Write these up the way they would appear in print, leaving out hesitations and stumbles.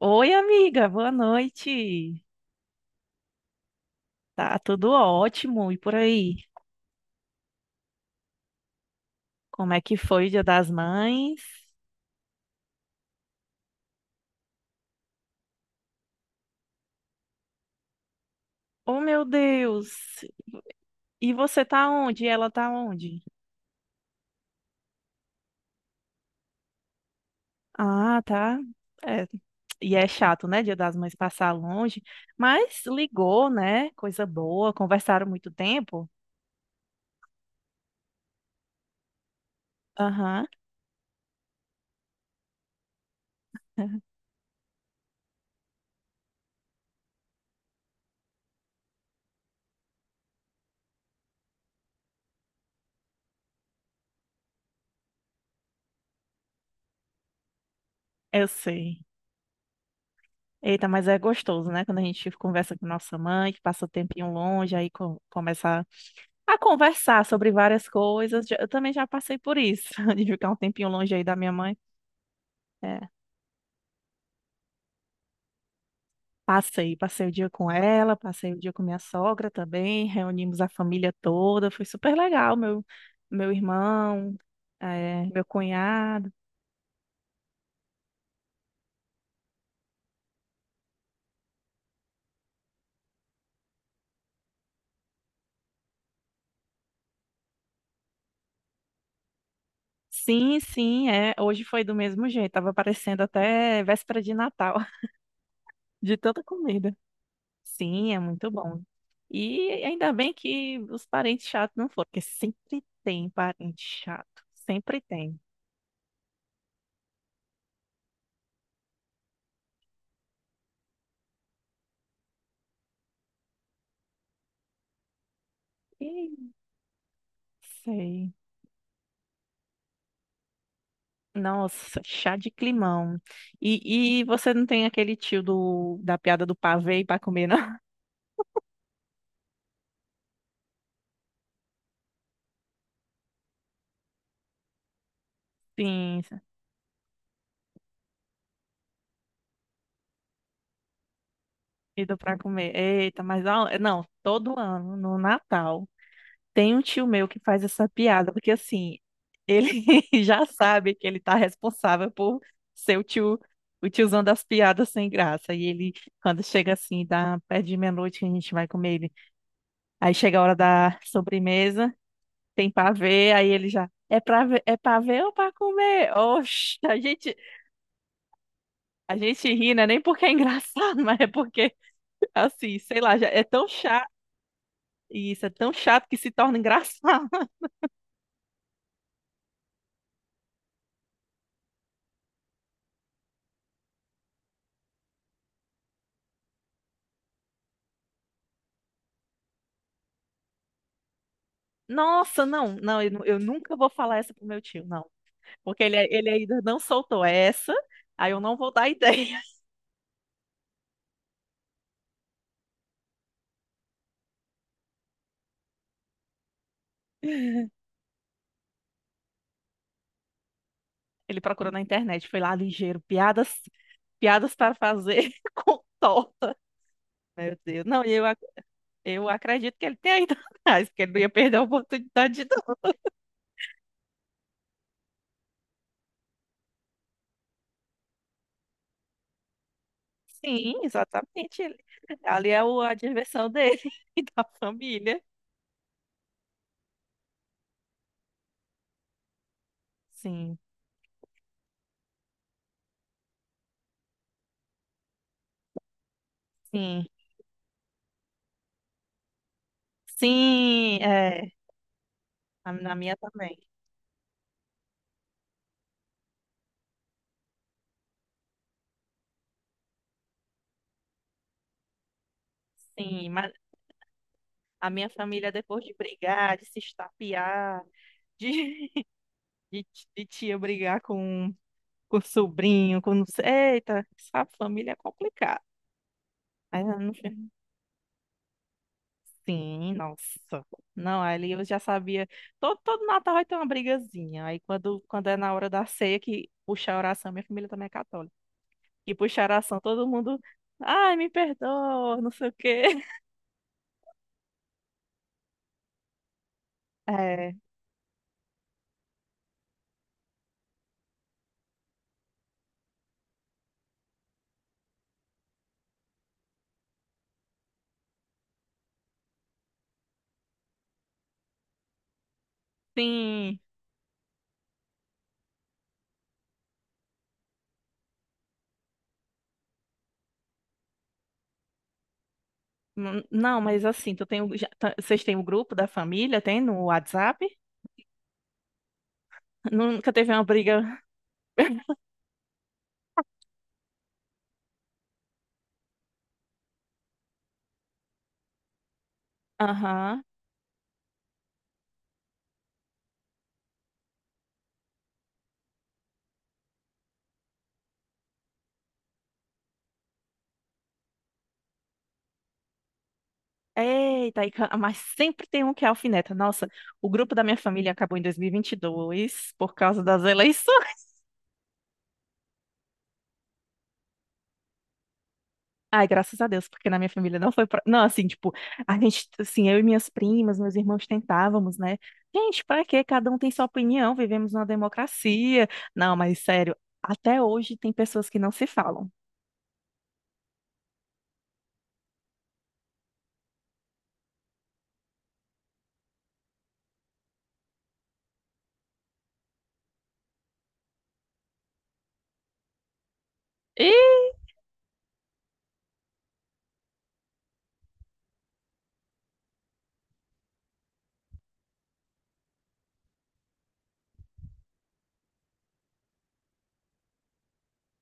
Oi, amiga, boa noite. Tá tudo ótimo. E por aí? Como é que foi o Dia das Mães? Oh, meu Deus! E você tá onde? E ela tá onde? Ah, tá. É, E é chato, né? Dia das Mães passar longe. Mas ligou, né? Coisa boa. Conversaram muito tempo. Aham. Eu sei. Eita, mas é gostoso, né? Quando a gente conversa com nossa mãe, que passa um tempinho longe, aí começa a conversar sobre várias coisas. Eu também já passei por isso, de ficar um tempinho longe aí da minha mãe. É, passei o dia com ela, passei o dia com minha sogra também, reunimos a família toda, foi super legal. Meu irmão, meu cunhado. Sim, sim, é. Hoje foi do mesmo jeito, tava parecendo até véspera de Natal, de tanta comida. Sim, é muito bom. E ainda bem que os parentes chatos não foram, porque sempre tem parente chato, sempre tem. Ih, sei. Nossa, chá de climão. E você não tem aquele tio da piada do pavê para comer, não? Sim, e do para comer. Eita, mas ó, não, todo ano, no Natal, tem um tio meu que faz essa piada, porque assim, ele já sabe que ele tá responsável por ser o tio, o tiozão das piadas sem graça. E ele, quando chega assim, dá perto de meia-noite que a gente vai comer ele. Aí chega a hora da sobremesa. Tem pavê, aí ele já, é pra ver ou pra comer? Oxe, a gente ri, né? Nem porque é engraçado, mas é porque, assim, sei lá, já é tão chato, isso, é tão chato que se torna engraçado. Nossa, não, não, eu nunca vou falar essa pro meu tio, não. Porque ele ainda não soltou essa, aí eu não vou dar ideia. Ele procurou na internet, foi lá ligeiro, piadas para fazer com torta. Meu Deus, não, e eu acredito que ele tenha ido atrás, porque ele não ia perder a oportunidade de Sim, exatamente. Ali é a diversão dele e da família. Sim, sim. Sim, é. Na minha também. Sim, mas a minha família, depois de brigar, de se estapear, de, de, de tia brigar com sobrinho, com não sei. Eita, essa família é complicada. Sim, nossa. Não, ali eu já sabia. Todo Natal vai ter uma brigazinha. Aí quando é na hora da ceia que puxa a oração, minha família também é católica. E puxa a oração, todo mundo. Ai, me perdoa, não sei o quê. É, sim. Não, mas assim, tu tem, o- já, tá- vocês têm o grupo da família, tem no WhatsApp? Nunca teve uma briga. Aham. Eita, mas sempre tem um que é alfineta. Nossa, o grupo da minha família acabou em 2022 por causa das eleições. Ai, graças a Deus, porque na minha família não foi. Não, assim, tipo, a gente, assim, eu e minhas primas, meus irmãos tentávamos, né? Gente, pra quê? Cada um tem sua opinião, vivemos numa democracia. Não, mas sério, até hoje tem pessoas que não se falam. Ih,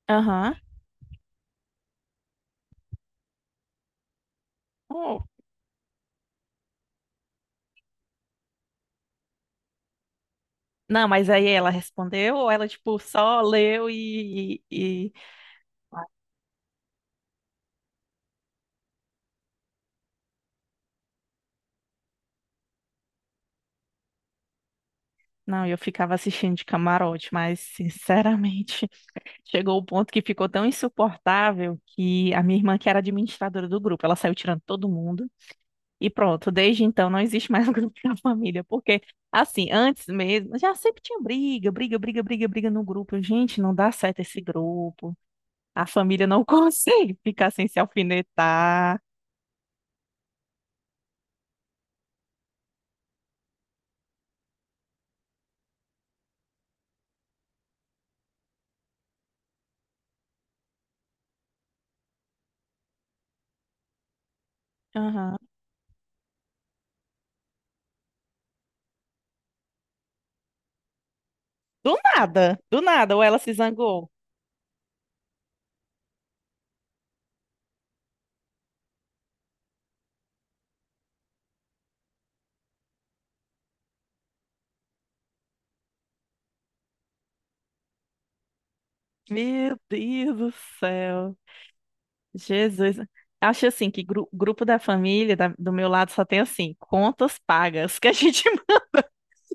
aham, oh, não, mas aí ela respondeu, ou ela, tipo, só leu e... Não, eu ficava assistindo de camarote, mas, sinceramente, chegou o ponto que ficou tão insuportável que a minha irmã, que era administradora do grupo, ela saiu tirando todo mundo. E pronto, desde então não existe mais o grupo da família, porque assim, antes mesmo, já sempre tinha briga, briga, briga, briga, briga no grupo. Gente, não dá certo esse grupo. A família não consegue ficar sem se alfinetar. Aham. Do nada, ou ela se zangou. Meu Deus do céu. Jesus. Acho assim que grupo da família do meu lado só tem assim, contas pagas, que a gente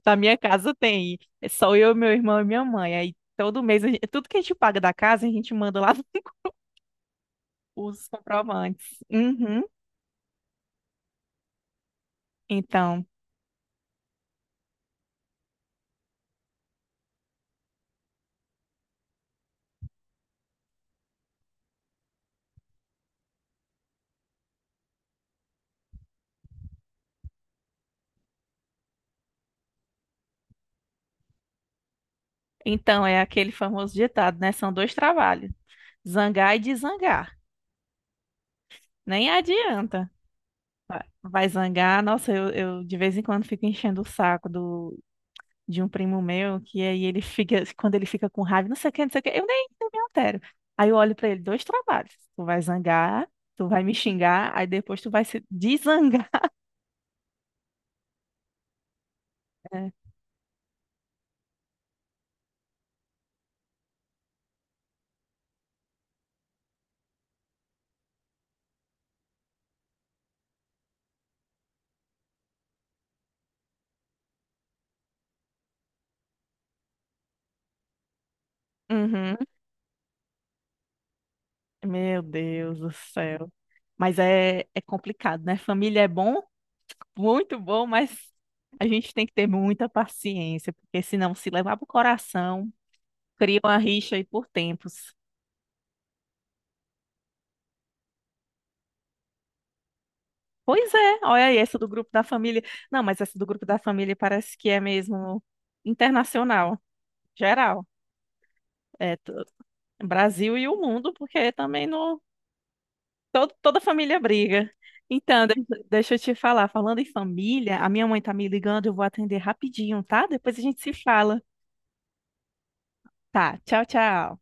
Na minha casa tem. É só eu, meu irmão e minha mãe. Aí todo mês, tudo que a gente paga da casa, a gente manda lá os comprovantes. Uhum. Então, então é aquele famoso ditado, né? São dois trabalhos: zangar e desangar. Nem adianta. Vai zangar, nossa, eu de vez em quando fico enchendo o saco de um primo meu, que aí ele fica, quando ele fica com raiva, não sei o que, não sei o que, eu nem me altero. Aí eu olho pra ele, dois trabalhos. Tu vai zangar, tu vai me xingar, aí depois tu vai se desangar. É. Uhum. Meu Deus do céu. Mas é complicado, né? Família é bom, muito bom, mas a gente tem que ter muita paciência, porque senão se levar pro coração, cria uma rixa aí por tempos. Pois é, olha aí, essa do grupo da família. Não, mas essa do grupo da família parece que é mesmo internacional, geral. É t- Brasil e o mundo, porque também no, todo, toda família briga. Então, deixa eu te falar, falando em família, a minha mãe tá me ligando, eu vou atender rapidinho, tá? Depois a gente se fala. Tá, tchau, tchau.